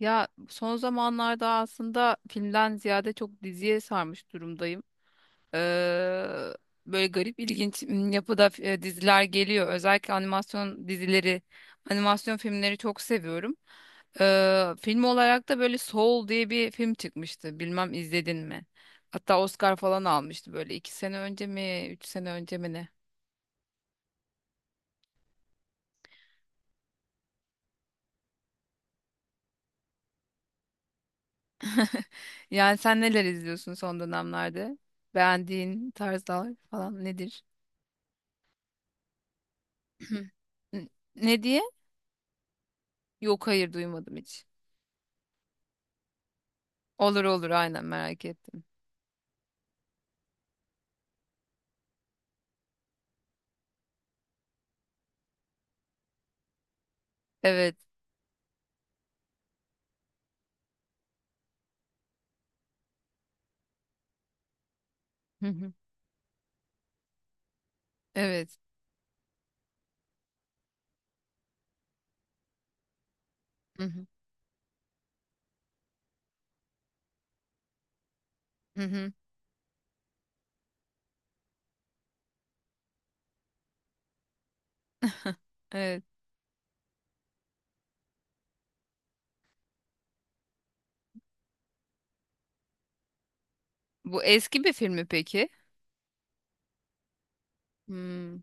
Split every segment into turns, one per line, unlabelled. Ya son zamanlarda aslında filmden ziyade çok diziye sarmış durumdayım. Ee, böyle garip ilginç yapıda diziler geliyor. Özellikle animasyon dizileri, animasyon filmleri çok seviyorum. Film olarak da böyle Soul diye bir film çıkmıştı. Bilmem izledin mi? Hatta Oscar falan almıştı böyle iki sene önce mi, üç sene önce mi ne? Yani sen neler izliyorsun son dönemlerde? Beğendiğin tarzlar falan nedir? N- Ne diye? Yok hayır, duymadım hiç. Olur olur, aynen merak ettim. Evet. Hı hı. Evet. Hı hı. Hı hı. Evet. Bu eski bir film mi peki? Hmm.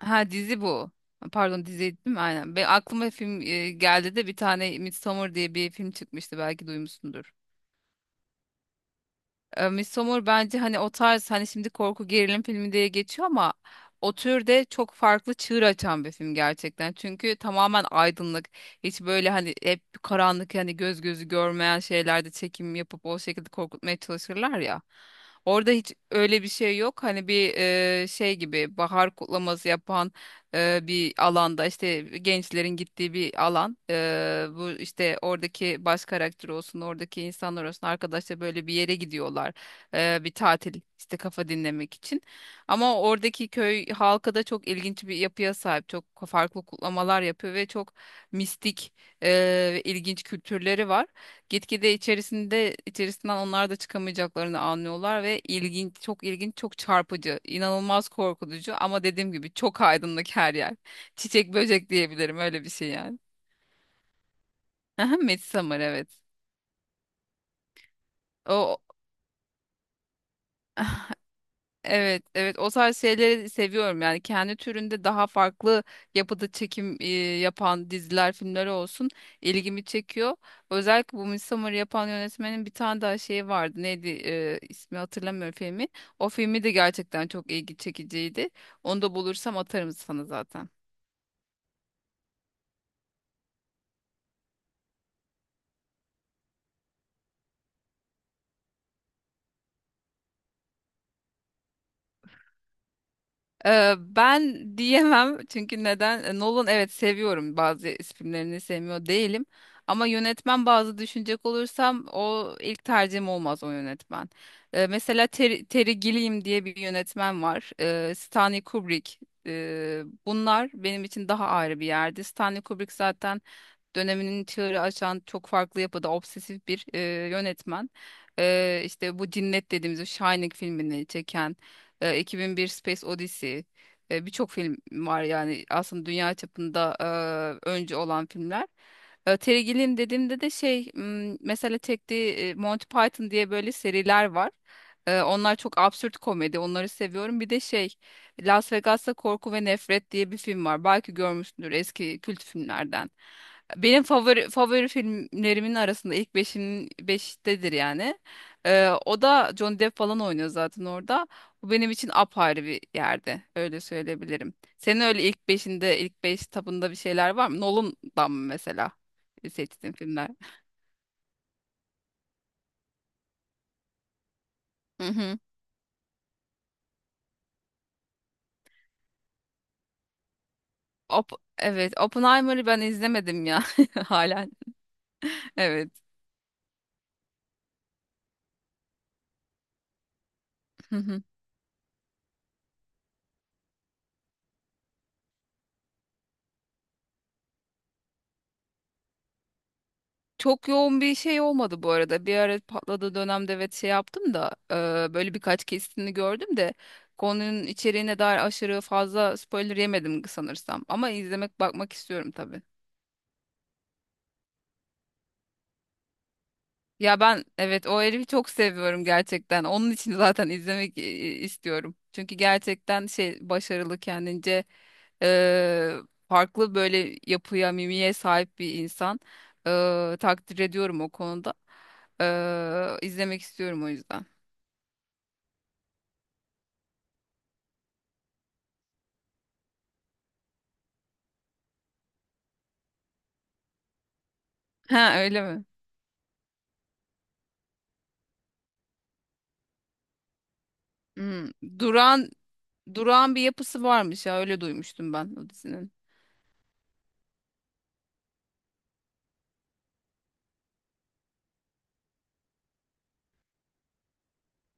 Ha, dizi bu. Pardon, dizi değil mi? Aynen. Be, aklıma film geldi de bir tane Midsommar diye bir film çıkmıştı, belki duymuşsundur. E, Midsommar bence hani o tarz, hani şimdi korku gerilim filmi diye geçiyor ama o türde çok farklı çığır açan bir film gerçekten. Çünkü tamamen aydınlık. Hiç böyle hani hep karanlık, hani göz gözü görmeyen şeylerde çekim yapıp o şekilde korkutmaya çalışırlar ya. Orada hiç öyle bir şey yok. Hani bir şey gibi, bahar kutlaması yapan bir alanda, işte gençlerin gittiği bir alan. E, bu işte oradaki baş karakter olsun, oradaki insanlar olsun, arkadaşlar böyle bir yere gidiyorlar. E, bir tatil işte, kafa dinlemek için. Ama oradaki köy halkı da çok ilginç bir yapıya sahip. Çok farklı kutlamalar yapıyor ve çok mistik e, ve ilginç kültürleri var. Gitgide içerisinde içerisinden onlar da çıkamayacaklarını anlıyorlar ve ilginç, çok ilginç, çok çarpıcı, inanılmaz korkutucu ama dediğim gibi çok aydınlık her yer. Çiçek böcek diyebilirim, öyle bir şey yani. Aha, Midsommar evet. O evet, evet o tarz şeyleri seviyorum yani kendi türünde daha farklı yapıda çekim yapan diziler, filmler olsun ilgimi çekiyor. Özellikle bu Midsommar'ı yapan yönetmenin bir tane daha şeyi vardı. Neydi, ismi hatırlamıyorum filmi. O filmi de gerçekten çok ilgi çekiciydi. Onu da bulursam atarım sana zaten. Ben diyemem çünkü neden? Nolan evet seviyorum, bazı filmlerini sevmiyor değilim. Ama yönetmen bazı düşünecek olursam o ilk tercihim olmaz o yönetmen. Mesela Terry Gilliam diye bir yönetmen var. Stanley Kubrick. Bunlar benim için daha ayrı bir yerdi. Stanley Kubrick zaten döneminin çığırı açan çok farklı yapıda obsesif bir yönetmen. E, işte bu Cinnet dediğimiz o Shining filmini çeken, 2001 Space Odyssey, birçok film var yani aslında dünya çapında öncü olan filmler. E, Terry Gilliam dediğimde de mesela çektiği Monty Python diye böyle seriler var. E, onlar çok absürt komedi. Onları seviyorum. Bir de şey, Las Vegas'ta Korku ve Nefret diye bir film var. Belki görmüşsündür, eski kült filmlerden. Benim favori filmlerimin arasında ilk beşin beştedir yani. O da Johnny Depp falan oynuyor zaten orada. Bu benim için apayrı bir yerde. Öyle söyleyebilirim. Senin öyle ilk beşinde, ilk beş tabında bir şeyler var mı? Nolan'dan mı mesela seçtiğin filmler? Hı hı. Evet, Oppenheimer'ı ben izlemedim ya halen. Evet. Hı hı. Çok yoğun bir şey olmadı bu arada. Bir ara patladığı dönemde, evet şey yaptım da böyle birkaç kesitini gördüm de konunun içeriğine dair aşırı fazla spoiler yemedim sanırsam. Ama izlemek bakmak istiyorum tabii. Ya ben, evet o herifi çok seviyorum gerçekten. Onun için zaten izlemek istiyorum. Çünkü gerçekten şey, başarılı kendince, e, farklı böyle yapıya, mimiye sahip bir insan. E, takdir ediyorum o konuda. E, izlemek istiyorum o yüzden. Ha öyle mi? Hmm. Duran duran bir yapısı varmış ya, öyle duymuştum ben o dizinin.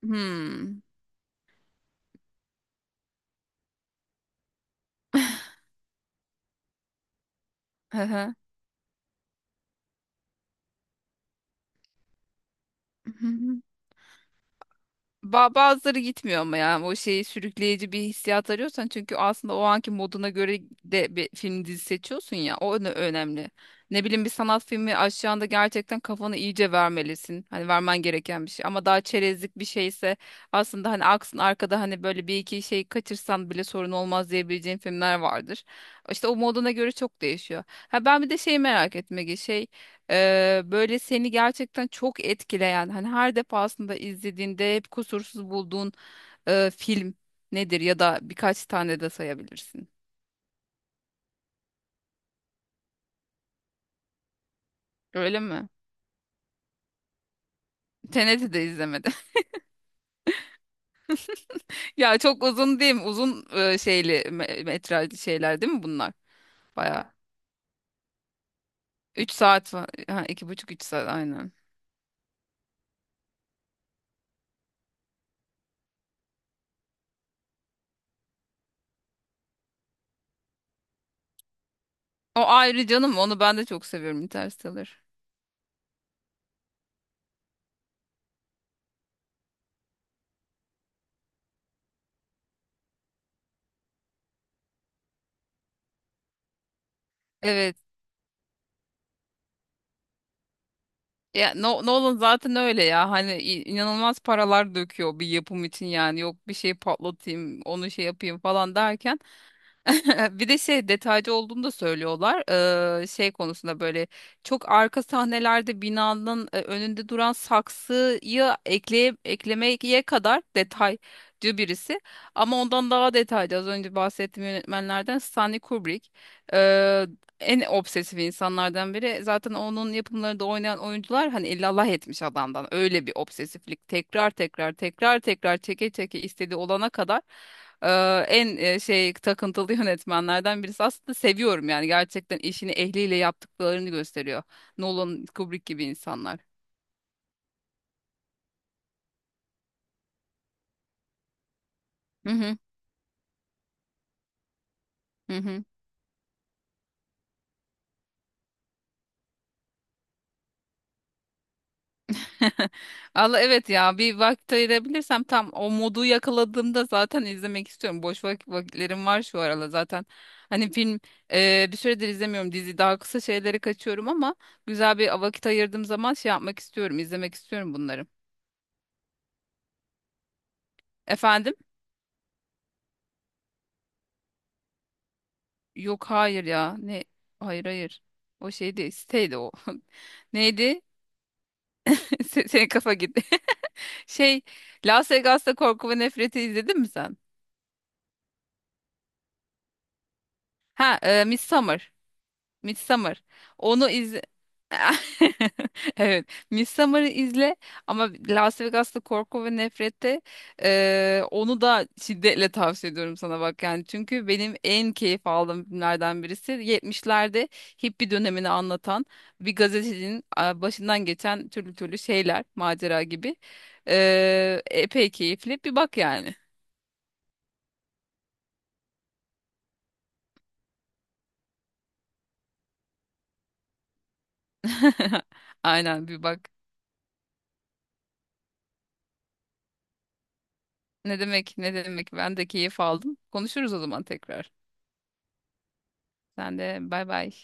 Hmm. Hı hı. Bazıları gitmiyor ama yani, o şeyi sürükleyici bir hissiyat arıyorsan çünkü aslında o anki moduna göre de bir film dizi seçiyorsun ya, o önemli. Ne bileyim, bir sanat filmi aşağında gerçekten kafanı iyice vermelisin. Hani vermen gereken bir şey ama daha çerezlik bir şeyse, aslında hani aksın arkada, hani böyle bir iki şey kaçırsan bile sorun olmaz diyebileceğin filmler vardır. İşte o moduna göre çok değişiyor. Ha ben bir de şeyi merak etme şey, böyle seni gerçekten çok etkileyen hani her defasında izlediğinde hep kusursuz bulduğun film nedir, ya da birkaç tane de sayabilirsin. Öyle mi? Tenet'i de izlemedim. Ya çok uzun değil mi? Uzun şeyli metrajlı şeyler değil mi bunlar? Bayağı. Üç saat falan. Ha, iki buçuk üç saat aynen. O ayrı canım, onu ben de çok seviyorum Interstellar. Evet. Ya Nolan zaten öyle ya, hani inanılmaz paralar döküyor bir yapım için, yani yok bir şey patlatayım onu şey yapayım falan derken bir de şey, detaycı olduğunu da söylüyorlar. Şey konusunda böyle çok arka sahnelerde binanın önünde duran saksıyı eklemeye kadar detaycı birisi, ama ondan daha detaycı az önce bahsettiğim yönetmenlerden Stanley Kubrick. Ee, en obsesif insanlardan biri. Zaten onun yapımlarında oynayan oyuncular hani illallah etmiş adamdan. Öyle bir obsesiflik. Tekrar tekrar tekrar tekrar çeke çeke istediği olana kadar, e, en şey, takıntılı yönetmenlerden birisi. Aslında seviyorum yani, gerçekten işini ehliyle yaptıklarını gösteriyor. Nolan, Kubrick gibi insanlar. Hı hı. Hı hı. Allah, evet ya bir vakit ayırabilirsem tam o modu yakaladığımda zaten izlemek istiyorum. Boş vakitlerim var şu aralar zaten. Hani film, bir süredir izlemiyorum, dizi daha kısa şeyleri kaçıyorum ama güzel bir vakit ayırdığım zaman şey yapmak istiyorum, izlemek istiyorum bunları. Efendim? Yok hayır ya ne, hayır hayır, o şeydi, siteydi o. Neydi? Senin kafa gitti. Şey, Las Vegas'ta Korku ve Nefret'i izledin mi sen? Ha, Midsummer. Midsommar. Onu izle. Evet. Midsommar'ı izle ama Las Vegas'ta Korku ve Nefret'te, onu da şiddetle tavsiye ediyorum sana, bak yani. Çünkü benim en keyif aldığım filmlerden birisi. 70'lerde hippie dönemini anlatan bir gazetecinin, başından geçen türlü türlü şeyler, macera gibi. Epey keyifli. Bir bak yani. Aynen, bir bak. Ne demek ne demek, ben de keyif aldım. Konuşuruz o zaman tekrar. Sen de bay bay.